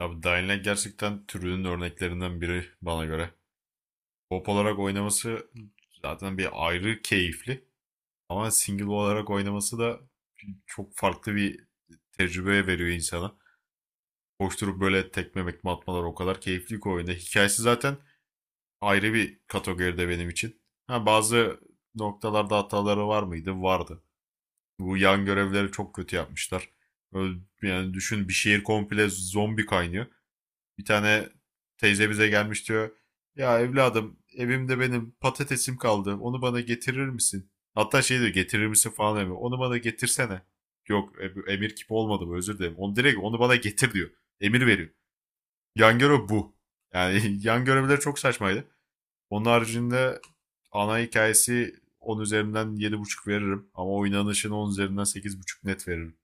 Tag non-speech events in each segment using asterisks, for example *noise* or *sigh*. Abi Dying Light gerçekten türünün örneklerinden biri bana göre. Pop olarak oynaması zaten bir ayrı keyifli. Ama single olarak oynaması da çok farklı bir tecrübe veriyor insana. Koşturup böyle tekme mekme atmalar o kadar keyifli ki oyunda. Hikayesi zaten ayrı bir kategoride benim için. Ha, bazı noktalarda hataları var mıydı? Vardı. Bu yan görevleri çok kötü yapmışlar. Yani düşün bir şehir komple zombi kaynıyor. Bir tane teyze bize gelmiş diyor. Ya evladım evimde benim patatesim kaldı. Onu bana getirir misin? Hatta şey diyor getirir misin falan demiyor. Onu bana getirsene. Yok emir kipi olmadı bu özür dilerim. Onu direkt onu bana getir diyor. Emir veriyor. Yan görev bu. Yani *laughs* yan görevler çok saçmaydı. Onun haricinde ana hikayesi 10 üzerinden 7,5 veririm. Ama oynanışını 10 üzerinden 8,5 net veririm.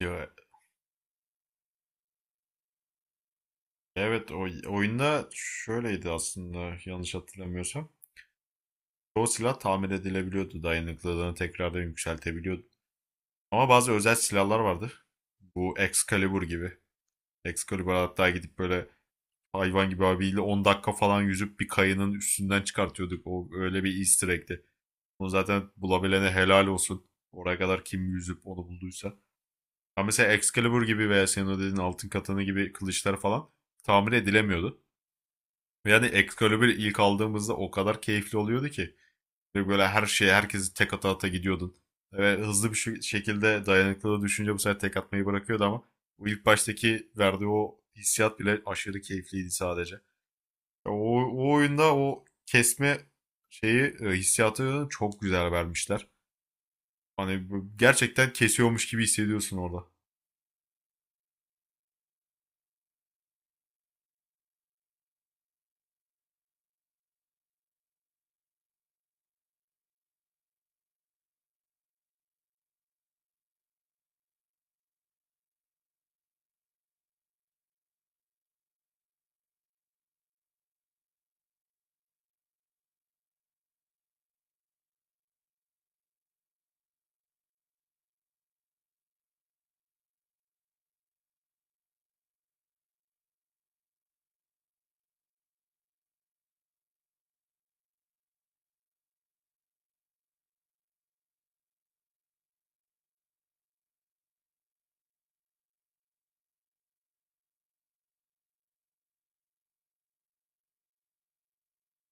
Ya, evet o oyunda şöyleydi aslında yanlış hatırlamıyorsam. Çoğu silah tamir edilebiliyordu. Dayanıklılığını tekrardan yükseltebiliyordu. Ama bazı özel silahlar vardı. Bu Excalibur gibi. Excalibur hatta gidip böyle hayvan gibi abiyle 10 dakika falan yüzüp bir kayının üstünden çıkartıyorduk. O öyle bir easter egg'ti. Onu zaten bulabilene helal olsun. Oraya kadar kim yüzüp onu bulduysa. Ama mesela Excalibur gibi veya senin o dediğin altın katanı gibi kılıçlar falan tamir edilemiyordu. Yani Excalibur ilk aldığımızda o kadar keyifli oluyordu ki. Ve böyle her şeye herkesi tek ata ata gidiyordun. Ve hızlı bir şekilde dayanıklılığı düşünce bu sefer tek atmayı bırakıyordu ama o ilk baştaki verdiği o hissiyat bile aşırı keyifliydi sadece. O, o oyunda o kesme şeyi hissiyatı çok güzel vermişler. Hani gerçekten kesiyormuş gibi hissediyorsun orada.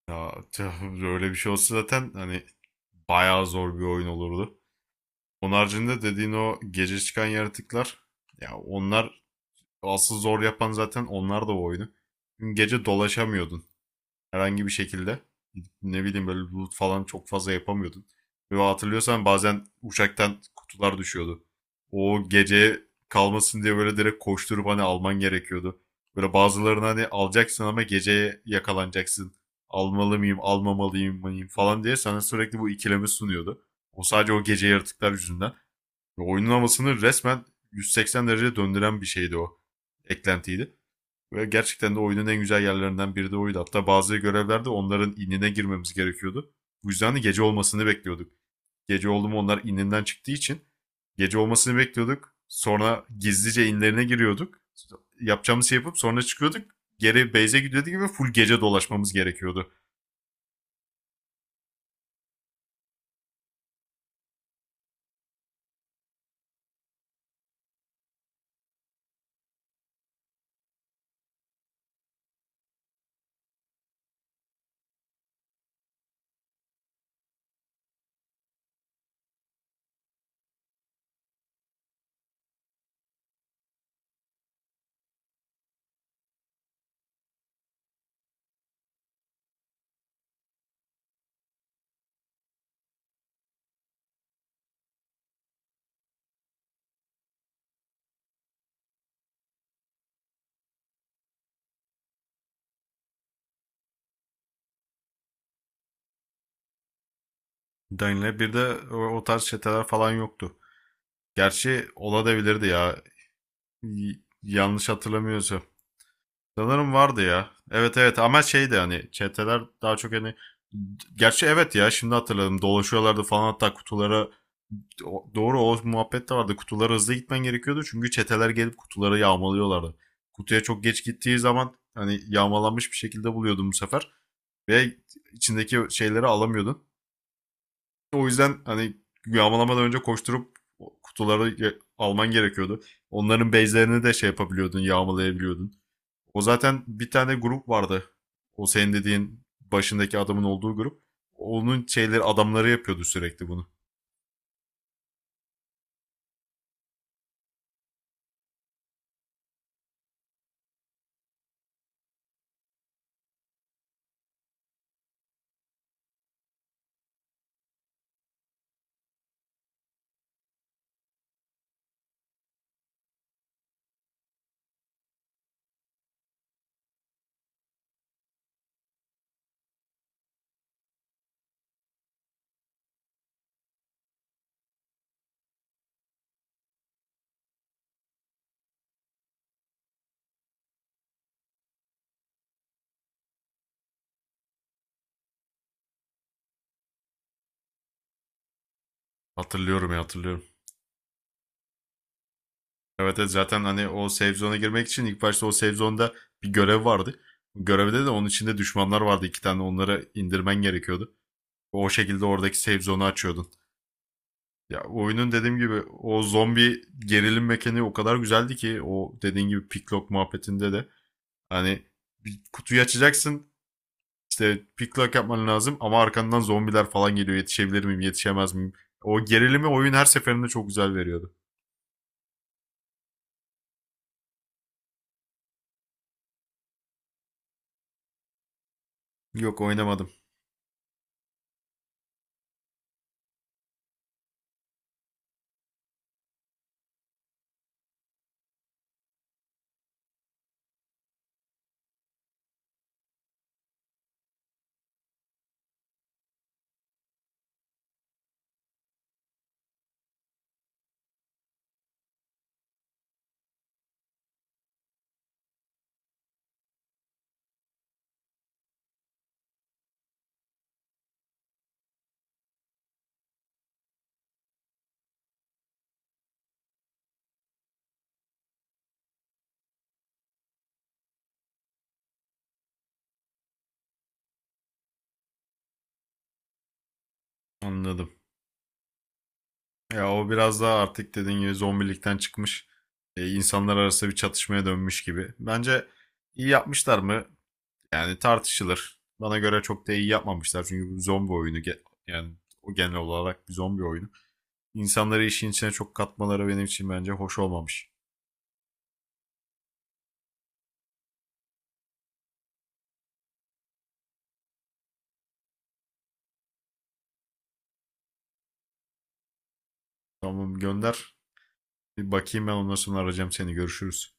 Ya tüh, öyle bir şey olsa zaten hani bayağı zor bir oyun olurdu. Onun haricinde dediğin o gece çıkan yaratıklar ya onlar asıl zor yapan zaten onlar da o oyunu. Çünkü gece dolaşamıyordun herhangi bir şekilde. Ne bileyim böyle loot falan çok fazla yapamıyordun. Ve hatırlıyorsan bazen uçaktan kutular düşüyordu. O gece kalmasın diye böyle direkt koşturup hani alman gerekiyordu. Böyle bazılarını hani alacaksın ama geceye yakalanacaksın. Almalı mıyım, almamalıyım mıyım falan diye sana sürekli bu ikilemi sunuyordu. O sadece o gece yaratıklar yüzünden. Ve oyunun havasını resmen 180 derece döndüren bir şeydi o. Eklentiydi. Ve gerçekten de oyunun en güzel yerlerinden biri de oydu. Hatta bazı görevlerde onların inine girmemiz gerekiyordu. Bu yüzden de gece olmasını bekliyorduk. Gece oldu mu onlar ininden çıktığı için gece olmasını bekliyorduk. Sonra gizlice inlerine giriyorduk. Yapacağımız şey yapıp sonra çıkıyorduk. Geri base'e gidiyorduk gibi full gece dolaşmamız gerekiyordu. Dying Light 1'de o tarz çeteler falan yoktu. Gerçi olabilirdi ya, yanlış hatırlamıyorsam. Sanırım vardı ya. Evet evet, ama şeydi hani çeteler daha çok hani, gerçi evet ya, şimdi hatırladım, dolaşıyorlardı falan hatta kutulara. Doğru, o muhabbet de vardı, kutulara hızlı gitmen gerekiyordu çünkü çeteler gelip kutuları yağmalıyorlardı. Kutuya çok geç gittiği zaman hani yağmalanmış bir şekilde buluyordum bu sefer ve içindeki şeyleri alamıyordun. O yüzden hani yağmalamadan önce koşturup kutuları alman gerekiyordu. Onların base'lerini de şey yapabiliyordun, yağmalayabiliyordun. O zaten bir tane grup vardı. O senin dediğin başındaki adamın olduğu grup. Onun şeyleri adamları yapıyordu sürekli bunu. Hatırlıyorum ya, hatırlıyorum. Evet evet, zaten hani o save zone'a girmek için ilk başta o save zone'da bir görev vardı. Görevde de onun içinde düşmanlar vardı, iki tane, onları indirmen gerekiyordu. O şekilde oradaki save zone'u açıyordun. Ya, oyunun dediğim gibi o zombi gerilim mekaniği o kadar güzeldi ki, o dediğin gibi picklock muhabbetinde de hani bir kutuyu açacaksın. İşte pick lock yapman lazım ama arkandan zombiler falan geliyor. Yetişebilir miyim, yetişemez miyim? O gerilimi oyun her seferinde çok güzel veriyordu. Yok, oynamadım. Anladım. Ya o biraz daha artık dediğin gibi zombilikten çıkmış. E, insanlar arası bir çatışmaya dönmüş gibi. Bence iyi yapmışlar mı? Yani tartışılır. Bana göre çok da iyi yapmamışlar. Çünkü bu zombi oyunu yani o genel olarak bir zombi oyunu. İnsanları işin içine çok katmaları benim için bence hoş olmamış. Tamam, gönder. Bir bakayım, ben ondan sonra arayacağım seni. Görüşürüz.